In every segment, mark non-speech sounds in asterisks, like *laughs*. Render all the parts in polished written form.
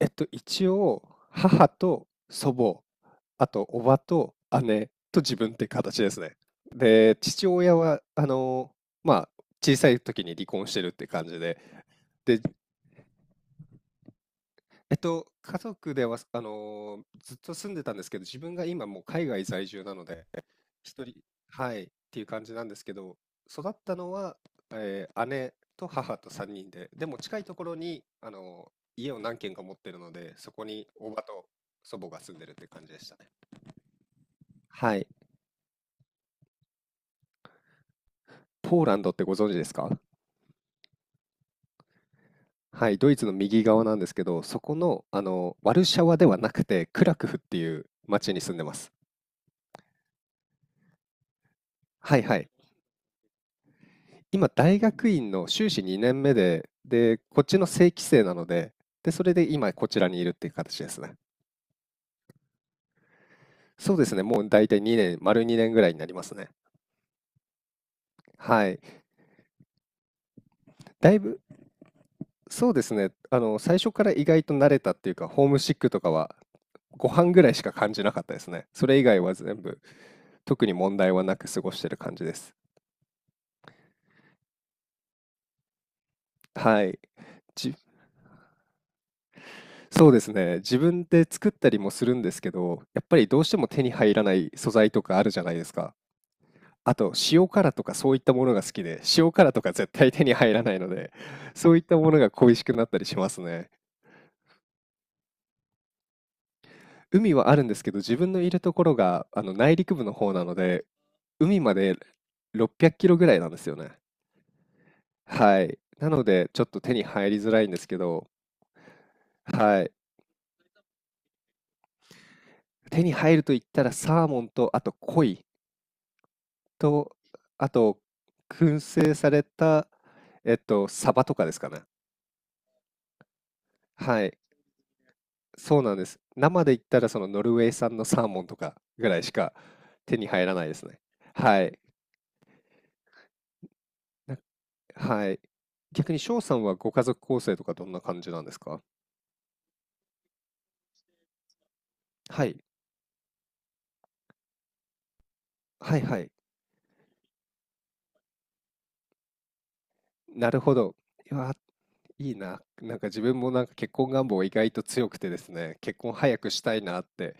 一応、母と祖母、あと、叔母と姉と自分って形ですね。で、父親は、まあ、小さい時に離婚してるって感じで、で、家族では、ずっと住んでたんですけど、自分が今もう海外在住なので、一人、はい、っていう感じなんですけど、育ったのは、姉と母と3人で、でも近いところに、家を何軒か持ってるので、そこに叔母と祖母が住んでるって感じでしたね。はい。ポーランドってご存知ですか？はい、ドイツの右側なんですけど、そこの、ワルシャワではなくて、クラクフっていう町に住んでます。はいはい。今、大学院の修士2年目で、で、こっちの正規生なので、で、それで今、こちらにいるっていう形ですね。そうですね、もう大体2年、丸2年ぐらいになりますね。はい。だいぶ、そうですね、最初から意外と慣れたっていうか、ホームシックとかはご飯ぐらいしか感じなかったですね。それ以外は全部、特に問題はなく過ごしてる感じです。はい。じ、そうですね、自分で作ったりもするんですけど、やっぱりどうしても手に入らない素材とかあるじゃないですか。あと、塩辛とかそういったものが好きで、塩辛とか絶対手に入らないので、そういったものが恋しくなったりしますね。海はあるんですけど、自分のいるところが、内陸部の方なので、海まで600キロぐらいなんですよね。はい。なので、ちょっと手に入りづらいんですけど、はい。手に入ると言ったら、サーモンと、あと、鯉と、あと、燻製された、サバとかですかね。はい。そうなんです。生で言ったら、その、ノルウェー産のサーモンとかぐらいしか手に入らないですね。はい。はい。逆に翔さんはご家族構成とかどんな感じなんですか？はい。はいはい。なるほど。いや、いいな。なんか自分もなんか結婚願望意外と強くてですね、結婚早くしたいなって、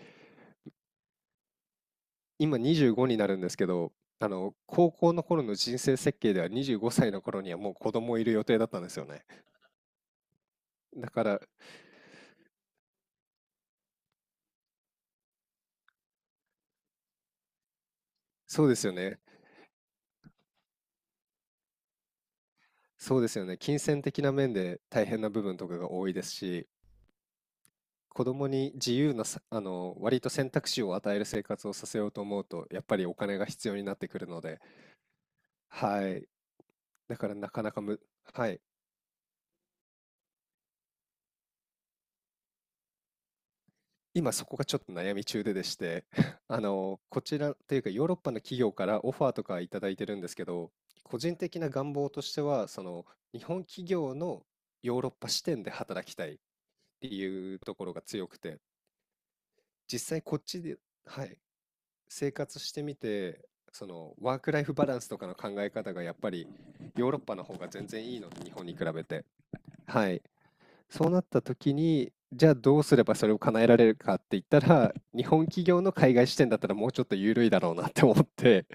今25になるんですけど、高校の頃の人生設計では25歳の頃にはもう子供いる予定だったんですよね。だから、そうですよね。そうですよね。金銭的な面で大変な部分とかが多いですし、子供に自由なさ、割と選択肢を与える生活をさせようと思うと、やっぱりお金が必要になってくるので、はい。だからなかなかむ、はい。今そこがちょっと悩み中ででして、*laughs* こちらというかヨーロッパの企業からオファーとかいただいてるんですけど、個人的な願望としては、その、日本企業のヨーロッパ支店で働きたいっていうところが強くて、実際こっちで、はい。生活してみて、そのワークライフバランスとかの考え方がやっぱりヨーロッパの方が全然いいので、日本に比べて。はい。そうなった時に、じゃあどうすればそれを叶えられるかって言ったら、日本企業の海外支店だったらもうちょっと緩いだろうなって思って、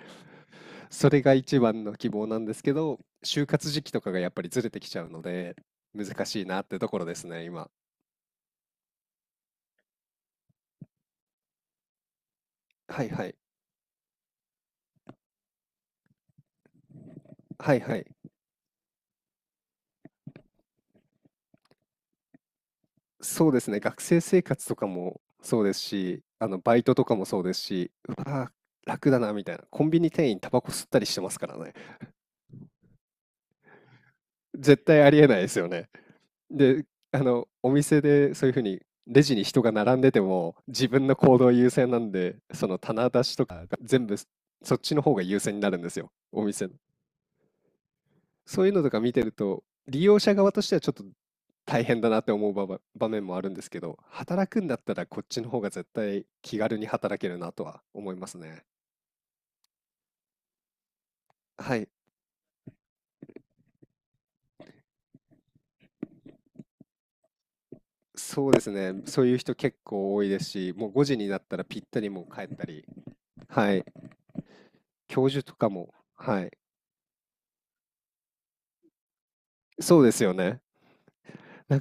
それが一番の希望なんですけど、就活時期とかがやっぱりずれてきちゃうので、難しいなってところですね、今。はいはい。はいはい。そうですね、学生生活とかもそうですし、バイトとかもそうですし、うわー、楽だなみたいな。コンビニ店員タバコ吸ったりしてますからね。絶対ありえないですよね。で、お店でそういう風にレジに人が並んでても、自分の行動優先なんで、その棚出しとかが全部そっちの方が優先になるんですよ、お店のそういうのとか見てると、利用者側としてはちょっと大変だなって思う場面もあるんですけど、働くんだったらこっちの方が絶対気軽に働けるなとは思いますね。はい、そうですね。そういう人結構多いですし、もう5時になったらぴったりもう帰ったり、はい、教授とかも、はい、そうですよね。な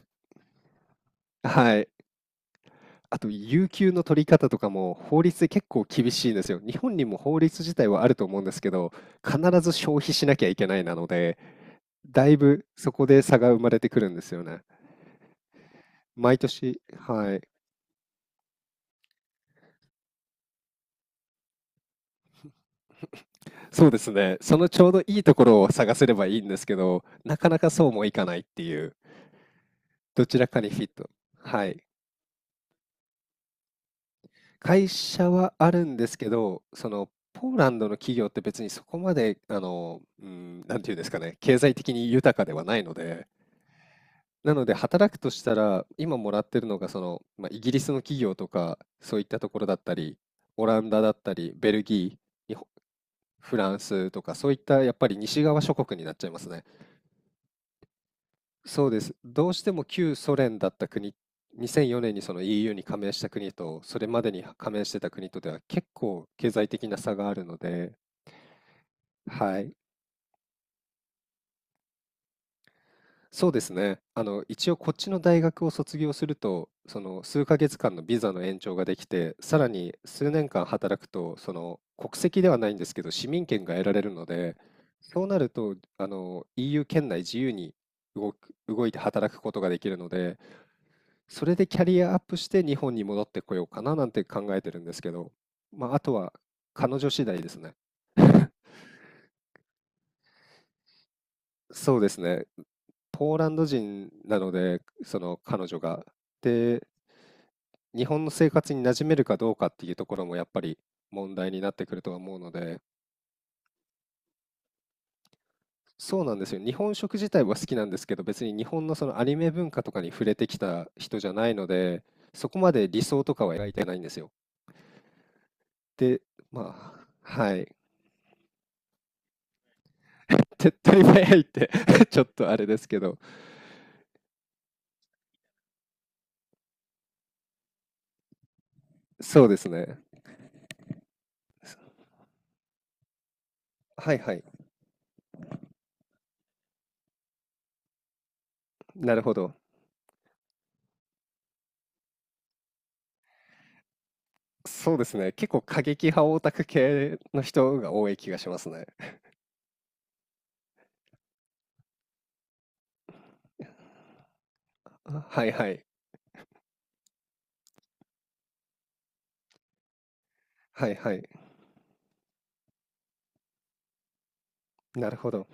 はい。あと、有給の取り方とかも法律で結構厳しいんですよ。日本にも法律自体はあると思うんですけど、必ず消費しなきゃいけないなので、だいぶそこで差が生まれてくるんですよね。毎年、はい。そうですね。そのちょうどいいところを探せればいいんですけど、なかなかそうもいかないっていう、どちらかにフィット。はい。会社はあるんですけど、その、ポーランドの企業って別にそこまで、うん、なんていうんですかね、経済的に豊かではないので、なので働くとしたら、今もらってるのが、その、まあ、イギリスの企業とか、そういったところだったり、オランダだったり、ベルギー、日本フランスとかそういったやっぱり西側諸国になっちゃいますね。そうです。どうしても旧ソ連だった国、2004年にその EU に加盟した国と、それまでに加盟してた国とでは結構経済的な差があるので、はい。そうですね。一応こっちの大学を卒業すると、その数ヶ月間のビザの延長ができて、さらに数年間働くと、その国籍ではないんですけど、市民権が得られるので、そうなると、EU 圏内自由に動いて働くことができるので、それでキャリアアップして日本に戻ってこようかななんて考えてるんですけど、まあ、あとは彼女次第ですね。そうですね。ポーランド人なので、その彼女が。で、日本の生活に馴染めるかどうかっていうところもやっぱり問題になってくるとは思うので、そうなんですよ。日本食自体は好きなんですけど、別に日本のそのアニメ文化とかに触れてきた人じゃないので、そこまで理想とかは描いてないんですよ。で、まあ、はい。手っ取り早 *laughs* いって *laughs* ちょっとあれですけど、そうですね。はいはい。なるほど。そうですね。結構過激派オタク系の人が多い気がしますね。はいはい。はいはい。なるほど。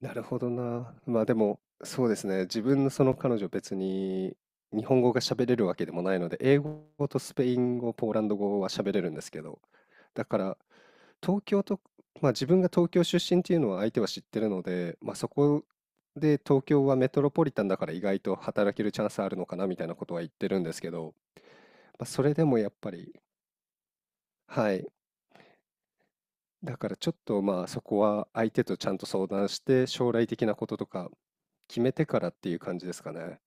なるほどな。まあでも、そうですね。自分のその彼女別に日本語が喋れるわけでもないので、英語とスペイン語、ポーランド語は喋れるんですけど、だから東京と、まあ自分が東京出身っていうのは相手は知ってるので、まあそこで東京はメトロポリタンだから意外と働けるチャンスあるのかなみたいなことは言ってるんですけど、まあそれでもやっぱり、はい、だからちょっとまあそこは相手とちゃんと相談して将来的なこととか決めてからっていう感じですかね。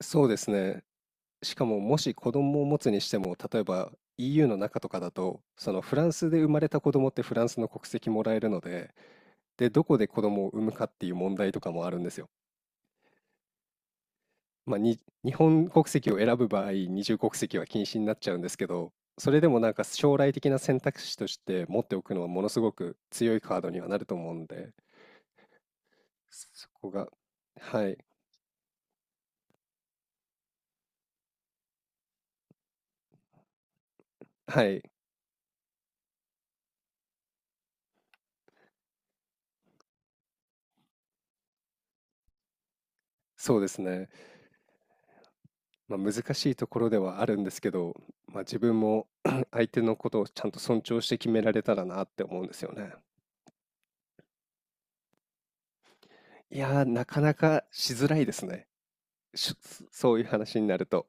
そうですね。しかももし子供を持つにしても例えば EU の中とかだとそのフランスで生まれた子供ってフランスの国籍もらえるので、でどこで子供を産むかっていう問題とかもあるんですよ。まあ、日本国籍を選ぶ場合二重国籍は禁止になっちゃうんですけどそれでもなんか将来的な選択肢として持っておくのはものすごく強いカードにはなると思うんでそこが、はい、はい、そうですね。まあ、難しいところではあるんですけど、まあ、自分も *clears throat* 相手のことをちゃんと尊重して決められたらなって思うんですよね。いやー、なかなかしづらいですね。しそういう話になると。